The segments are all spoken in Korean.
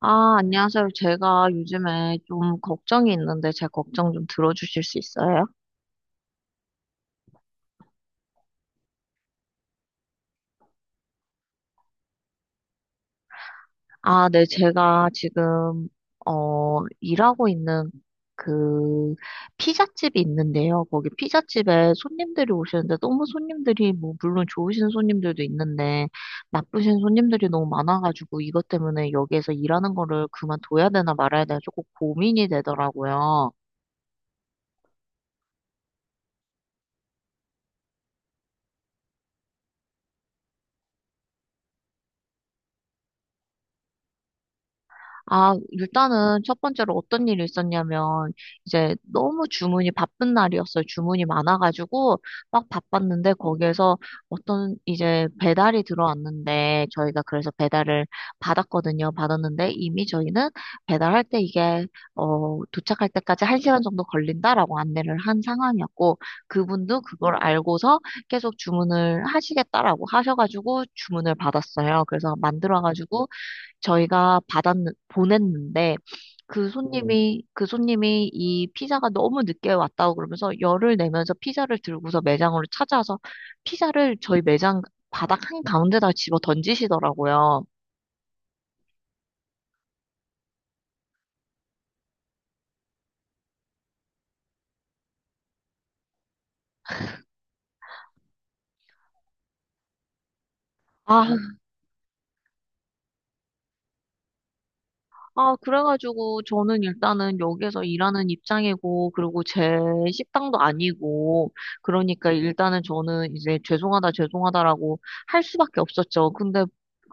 아, 안녕하세요. 제가 요즘에 좀 걱정이 있는데 제 걱정 좀 들어주실 수 있어요? 아, 네. 제가 지금, 일하고 있는 그 피자집이 있는데요. 거기 피자집에 손님들이 오시는데 너무 손님들이 뭐, 물론 좋으신 손님들도 있는데 나쁘신 손님들이 너무 많아가지고 이것 때문에 여기에서 일하는 거를 그만둬야 되나 말아야 되나 조금 고민이 되더라고요. 아, 일단은 첫 번째로 어떤 일이 있었냐면, 이제 너무 주문이 바쁜 날이었어요. 주문이 많아가지고, 막 바빴는데, 거기에서 어떤 이제 배달이 들어왔는데, 저희가 그래서 배달을 받았거든요. 받았는데, 이미 저희는 배달할 때 이게, 도착할 때까지 한시간 정도 걸린다라고 안내를 한 상황이었고, 그분도 그걸 알고서 계속 주문을 하시겠다라고 하셔가지고, 주문을 받았어요. 그래서 만들어가지고, 저희가 받았, 보냈는데, 그 손님이 이 피자가 너무 늦게 왔다고 그러면서 열을 내면서 피자를 들고서 매장으로 찾아와서 피자를 저희 매장 바닥 한가운데다 집어 던지시더라고요. 아, 그래가지고 저는 일단은 여기에서 일하는 입장이고, 그리고 제 식당도 아니고, 그러니까 일단은 저는 이제 죄송하다, 죄송하다라고 할 수밖에 없었죠. 근데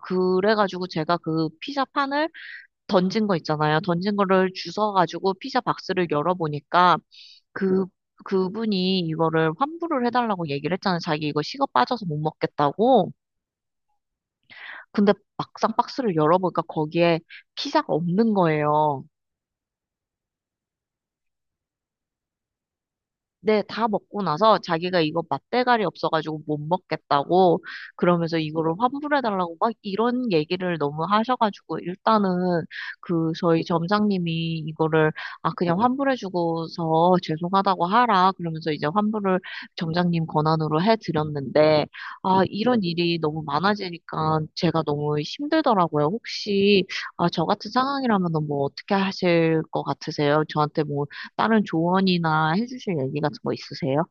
그래가지고 제가 그 피자 판을 던진 거 있잖아요. 던진 거를 주워가지고 피자 박스를 열어보니까 그, 그분이 이거를 환불을 해달라고 얘기를 했잖아요. 자기 이거 식어 빠져서 못 먹겠다고. 근데 막상 박스를 열어보니까 거기에 피자가 없는 거예요. 네, 다 먹고 나서 자기가 이거 맛대가리 없어가지고 못 먹겠다고 그러면서 이거를 환불해달라고 막 이런 얘기를 너무 하셔가지고 일단은 그 저희 점장님이 이거를 아 그냥 환불해주고서 죄송하다고 하라 그러면서 이제 환불을 점장님 권한으로 해드렸는데 아 이런 일이 너무 많아지니까 제가 너무 힘들더라고요. 혹시 아 저 같은 상황이라면 뭐 어떻게 하실 것 같으세요? 저한테 뭐 다른 조언이나 해주실 얘기 같은 거 있으세요?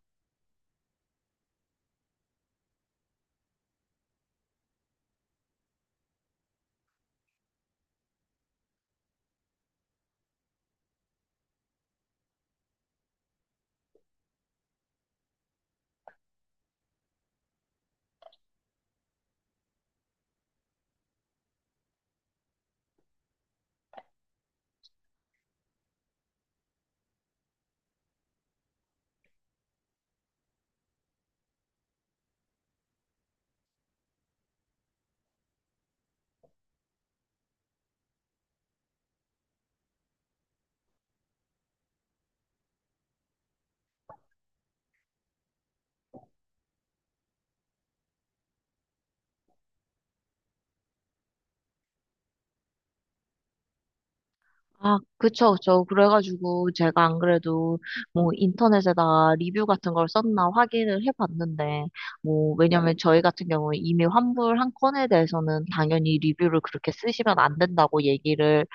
아, 그쵸, 그쵸. 그래가지고 제가 안 그래도 뭐 인터넷에다가 리뷰 같은 걸 썼나 확인을 해봤는데, 뭐, 왜냐면 저희 같은 경우에 이미 환불 한 건에 대해서는 당연히 리뷰를 그렇게 쓰시면 안 된다고 얘기를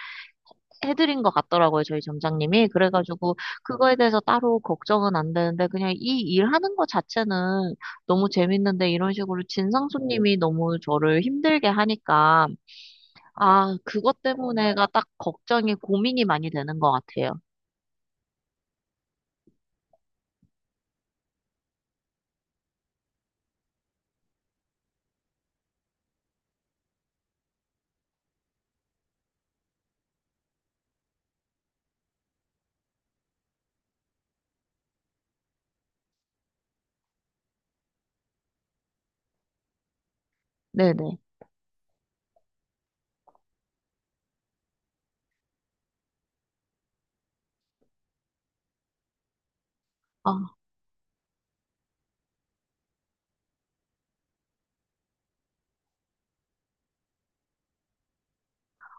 해드린 것 같더라고요, 저희 점장님이. 그래가지고 그거에 대해서 따로 걱정은 안 되는데, 그냥 이 일하는 것 자체는 너무 재밌는데, 이런 식으로 진상 손님이 너무 저를 힘들게 하니까, 아, 그것 때문에가 딱 걱정이, 고민이 많이 되는 것 같아요. 네네. 아,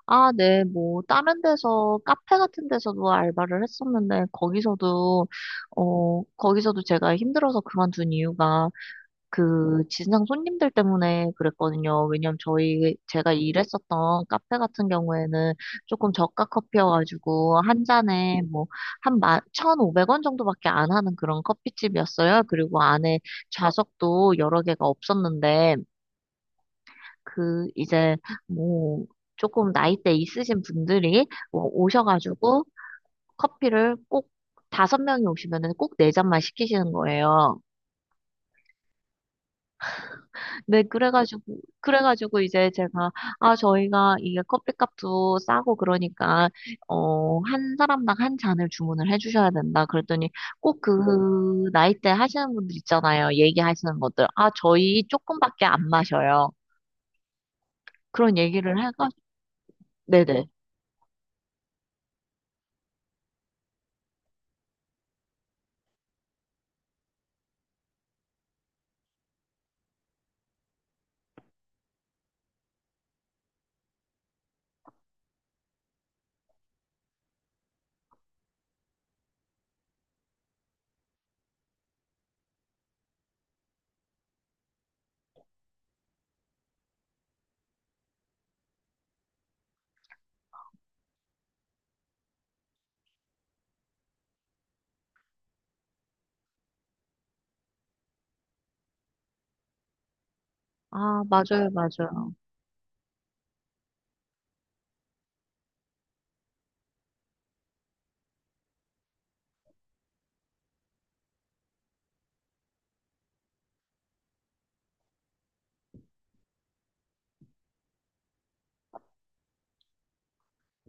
네, 뭐, 다른 데서, 카페 같은 데서도 알바를 했었는데, 거기서도, 거기서도 제가 힘들어서 그만둔 이유가, 그 지상 손님들 때문에 그랬거든요. 왜냐면 저희 제가 일했었던 카페 같은 경우에는 조금 저가 커피여가지고 한 잔에 뭐한 1,500원 정도밖에 안 하는 그런 커피집이었어요. 그리고 안에 좌석도 여러 개가 없었는데 그 이제 뭐 조금 나이대 있으신 분들이 뭐 오셔가지고 커피를 꼭 다섯 명이 오시면은 꼭 네 잔만 시키시는 거예요. 네, 그래가지고, 그래가지고 이제 제가, 아, 저희가 이게 커피값도 싸고 그러니까, 한 사람당 한 잔을 주문을 해주셔야 된다. 그랬더니 꼭 그 나이대 하시는 분들 있잖아요. 얘기하시는 분들. 아, 저희 조금밖에 안 마셔요. 그런 얘기를 해가, 네네. 아, 맞아요, 맞아요.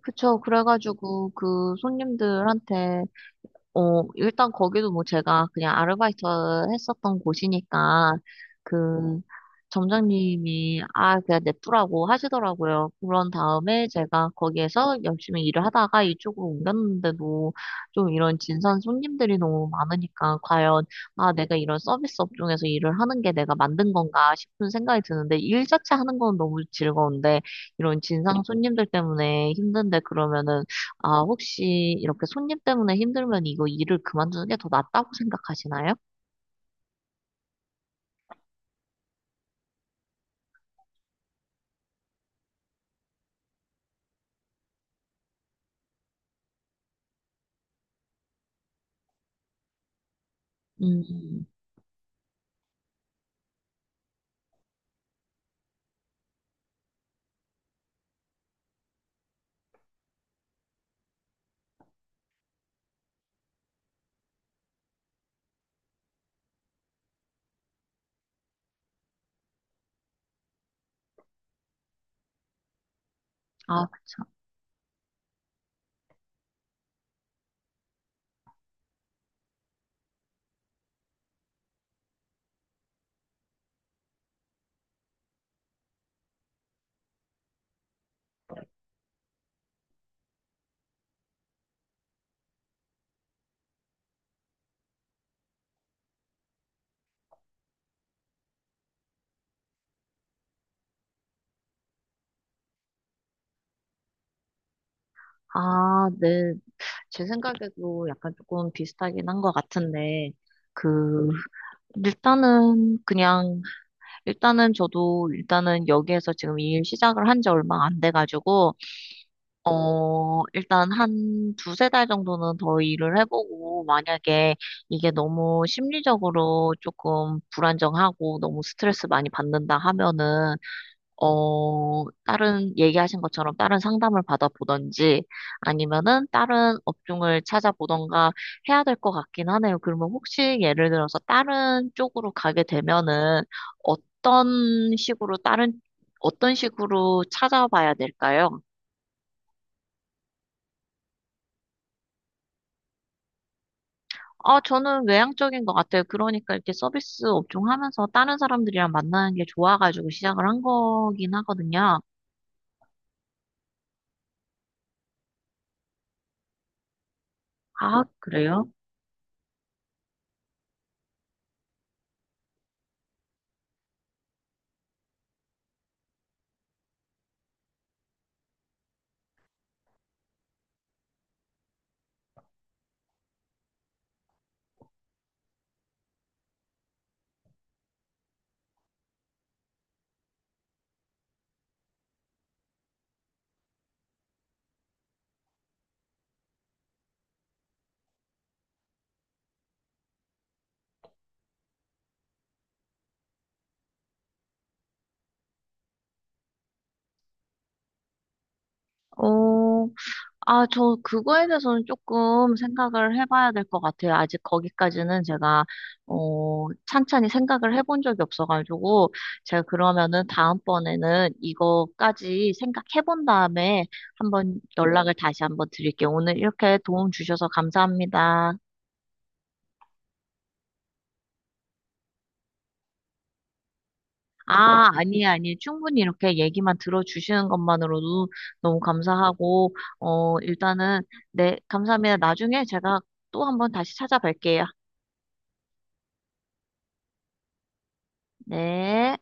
그쵸. 그래가지고 그 손님들한테 어, 일단 거기도 뭐 제가 그냥 아르바이트 했었던 곳이니까 그 점장님이 아, 그냥 냅두라고 하시더라고요. 그런 다음에 제가 거기에서 열심히 일을 하다가 이쪽으로 옮겼는데도 좀 이런 진상 손님들이 너무 많으니까 과연 아, 내가 이런 서비스 업종에서 일을 하는 게 내가 만든 건가 싶은 생각이 드는데 일 자체 하는 건 너무 즐거운데 이런 진상 손님들 때문에 힘든데 그러면은 아, 혹시 이렇게 손님 때문에 힘들면 이거 일을 그만두는 게 더 낫다고 생각하시나요? 음, 아, 네. 제 생각에도 약간 조금 비슷하긴 한 것 같은데, 그, 일단은 그냥, 일단은 저도 일단은 여기에서 지금 일 시작을 한 지 얼마 안 돼가지고, 일단 한 두세 달 정도는 더 일을 해보고, 만약에 이게 너무 심리적으로 조금 불안정하고 너무 스트레스 많이 받는다 하면은, 어, 다른, 얘기하신 것처럼 다른 상담을 받아보던지, 아니면은 다른 업종을 찾아보던가 해야 될 것 같긴 하네요. 그러면 혹시 예를 들어서 다른 쪽으로 가게 되면은 어떤 식으로 다른, 어떤 식으로 찾아봐야 될까요? 아, 저는 외향적인 것 같아요. 그러니까 이렇게 서비스 업종 하면서 다른 사람들이랑 만나는 게 좋아가지고 시작을 한 거긴 하거든요. 아, 그래요? 어, 아, 저 그거에 대해서는 조금 생각을 해봐야 될 것 같아요. 아직 거기까지는 제가, 찬찬히 생각을 해본 적이 없어가지고, 제가 그러면은 다음번에는 이거까지 생각해본 다음에 한번 연락을 다시 한번 드릴게요. 오늘 이렇게 도움 주셔서 감사합니다. 아, 아니에요, 아니에요. 충분히 이렇게 얘기만 들어주시는 것만으로도 너무 감사하고, 일단은, 네, 감사합니다. 나중에 제가 또 한번 다시 찾아뵐게요. 네.